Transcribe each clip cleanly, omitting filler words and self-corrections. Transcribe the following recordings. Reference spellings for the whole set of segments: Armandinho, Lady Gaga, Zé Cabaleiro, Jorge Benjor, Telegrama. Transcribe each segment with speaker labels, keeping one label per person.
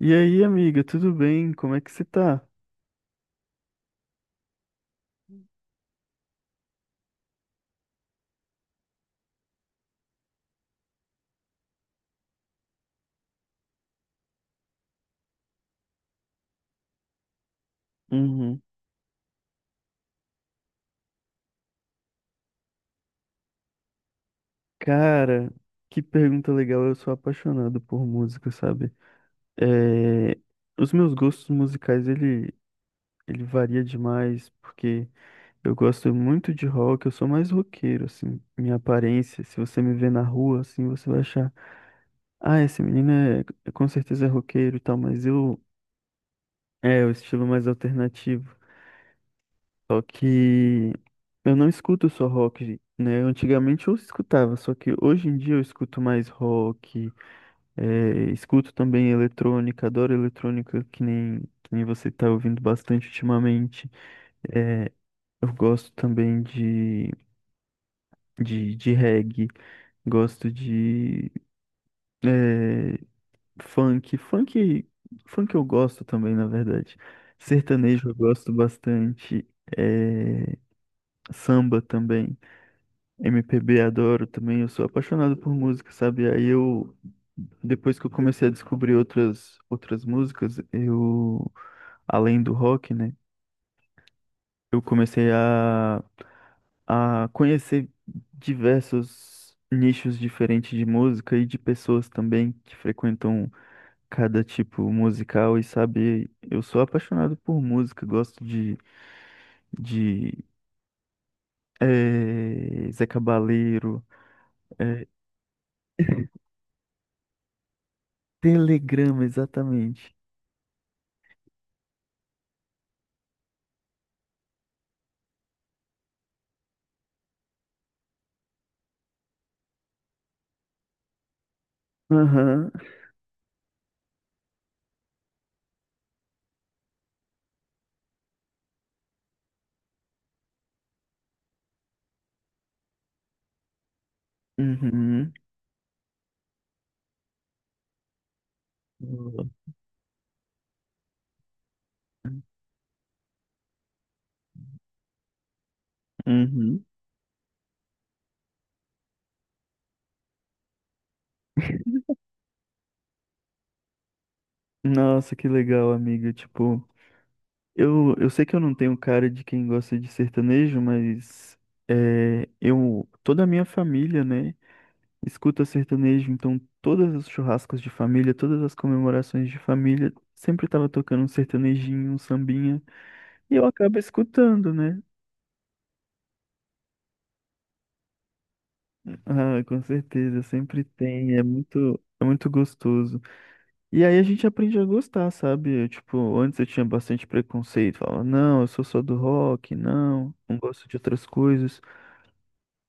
Speaker 1: E aí, amiga, tudo bem? Como é que você tá? Uhum. Cara, que pergunta legal. Eu sou apaixonado por música, sabe? É, Os meus gostos musicais, ele varia demais, porque eu gosto muito de rock, eu sou mais roqueiro, assim. Minha aparência, se você me ver na rua, assim, você vai achar, ah, esse menino é... com certeza é roqueiro e tal, mas eu... É, o estilo mais alternativo. Só que eu não escuto só rock, né? Antigamente eu escutava, só que hoje em dia eu escuto mais rock, escuto também eletrônica, adoro eletrônica, que nem você tá ouvindo bastante ultimamente. Eh, eu gosto também de reggae, gosto de eh, funk. Funk eu gosto também, na verdade. Sertanejo eu gosto bastante, eh, samba também. MPB adoro também, eu sou apaixonado por música, sabe? Depois que eu comecei a descobrir outras músicas, eu, além do rock, né? Eu comecei a conhecer diversos nichos diferentes de música e de pessoas também que frequentam cada tipo musical e sabe, eu sou apaixonado por música, gosto de Zé Cabaleiro, eh, Telegrama, exatamente. Aham. Uhum. Boa. Uhum. Nossa, que legal, amiga. Tipo, eu sei que eu não tenho cara de quem gosta de sertanejo, mas é, eu, toda a minha família, né, escuta sertanejo, então todos os churrascos de família, todas as comemorações de família, sempre tava tocando um sertanejinho, um sambinha, e eu acabo escutando, né? Ah, com certeza, sempre tem, é muito gostoso. E aí a gente aprende a gostar, sabe? Eu, tipo, antes eu tinha bastante preconceito, falava, não, eu sou só do rock, não, não gosto de outras coisas.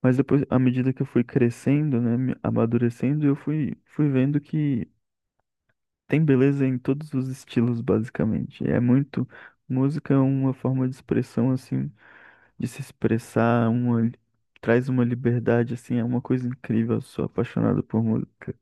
Speaker 1: Mas depois, à medida que eu fui crescendo, né, me amadurecendo, fui vendo que tem beleza em todos os estilos, basicamente. É muito, música é uma forma de expressão, assim, de se expressar, uma, traz uma liberdade, assim, é uma coisa incrível. Eu sou apaixonado por música.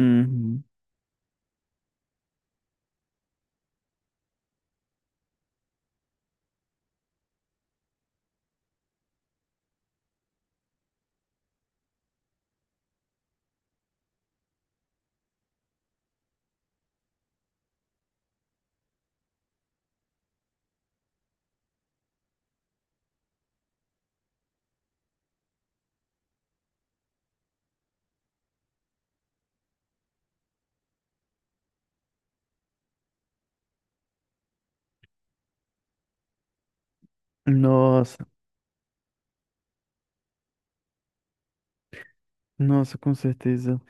Speaker 1: Uhum. Nossa. Nossa, com certeza.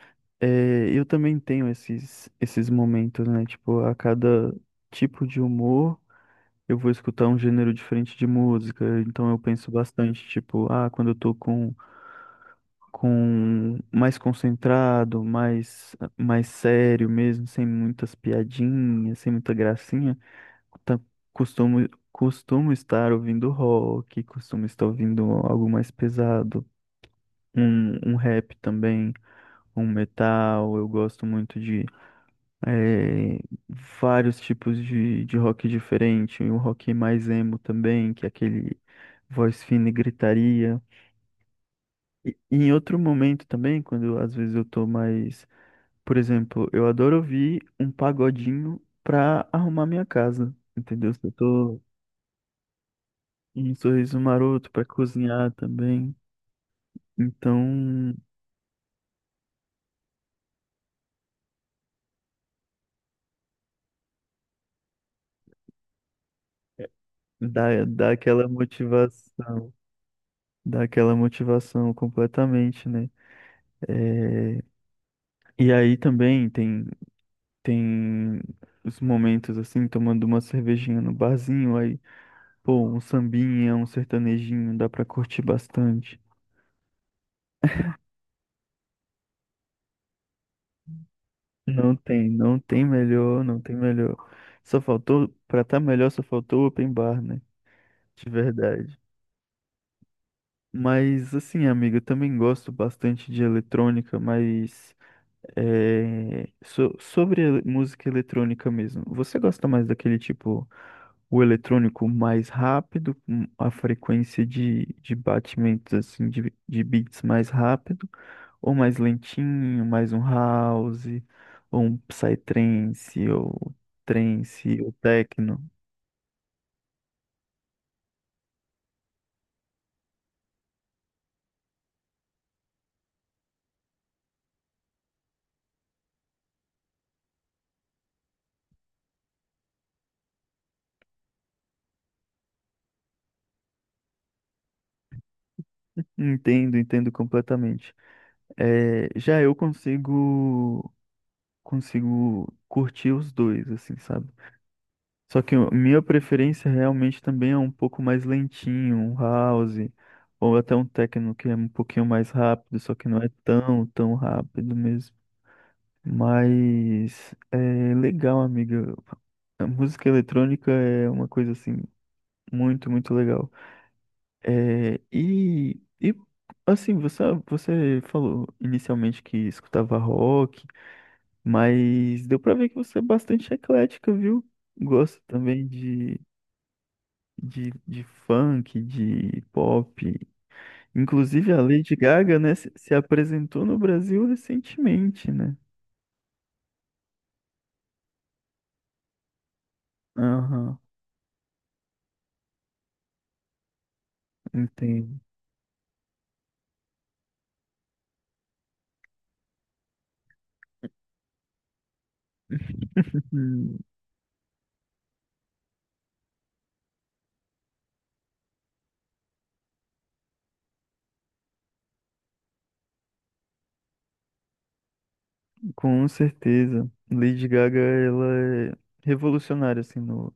Speaker 1: É, eu também tenho esses momentos, né? Tipo, a cada tipo de humor, eu vou escutar um gênero diferente de música. Então eu penso bastante, tipo, ah, quando eu tô com mais concentrado, mais, mais sério mesmo, sem muitas piadinhas, sem muita gracinha, tá- costumo estar ouvindo rock, costumo estar ouvindo algo mais pesado, um rap também um metal, eu gosto muito de eh, vários tipos de rock diferente, um rock mais emo também, que é aquele voz fina e gritaria. E em outro momento também, quando às vezes eu tô mais, por exemplo, eu adoro ouvir um pagodinho pra arrumar minha casa, entendeu? Se eu tô em um sorriso maroto pra cozinhar também, então dá, dá aquela motivação, dá aquela motivação completamente, né? É, e aí também tem os momentos assim, tomando uma cervejinha no barzinho, aí, pô, um sambinha, um sertanejinho, dá pra curtir bastante. Não tem melhor, não tem melhor. Só faltou, pra tá melhor, só faltou o open bar, né? De verdade. Mas assim, amiga, eu também gosto bastante de eletrônica, mas é, sobre música eletrônica mesmo. Você gosta mais daquele tipo, o eletrônico mais rápido, com a frequência de batimentos assim de beats mais rápido, ou mais lentinho, mais um house, ou um psytrance, ou trance, ou techno. Entendo, entendo completamente. É, já eu consigo consigo curtir os dois, assim, sabe? Só que minha preferência realmente também é um pouco mais lentinho, um house, ou até um techno que é um pouquinho mais rápido, só que não é tão, tão rápido mesmo. Mas é legal, amiga. A música eletrônica é uma coisa assim muito, muito legal. É, e assim, você falou inicialmente que escutava rock, mas deu pra ver que você é bastante eclética, viu? Gosta também de de funk, de pop. Inclusive a Lady Gaga, né, se apresentou no Brasil recentemente, né? Aham, entendo. Hum, Com certeza. Lady Gaga, ela é revolucionária, assim, no,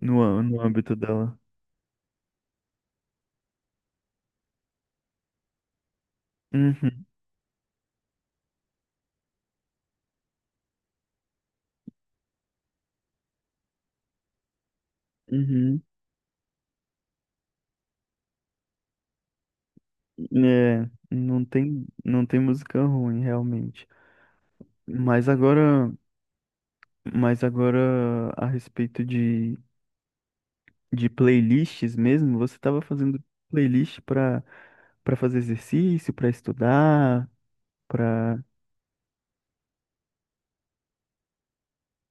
Speaker 1: no, no âmbito dela. Uhum, uhum. É, não tem, não tem música ruim, realmente. Mas agora, mas agora a respeito de playlists mesmo? Você estava fazendo playlist para para fazer exercício, para estudar, para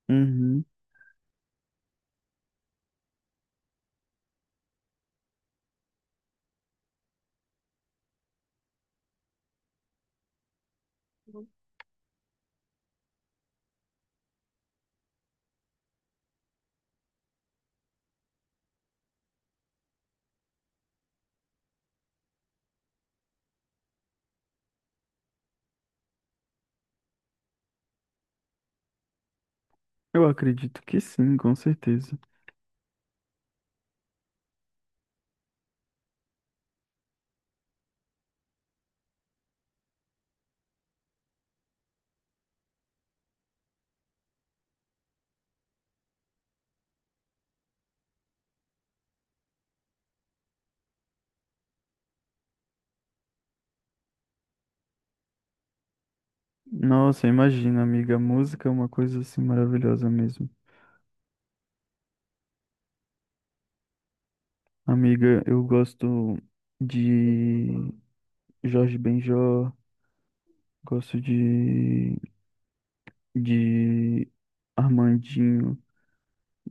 Speaker 1: Uhum. Eu acredito que sim, com certeza. Nossa, imagina, amiga, a música é uma coisa assim maravilhosa mesmo. Amiga, eu gosto de Jorge Benjor, gosto de Armandinho.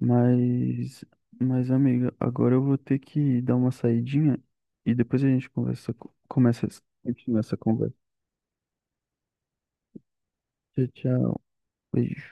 Speaker 1: Mas, mas amiga, agora eu vou ter que dar uma saidinha e depois a gente conversa, começa, continua essa conversa. Tchau, tchau. Beijo.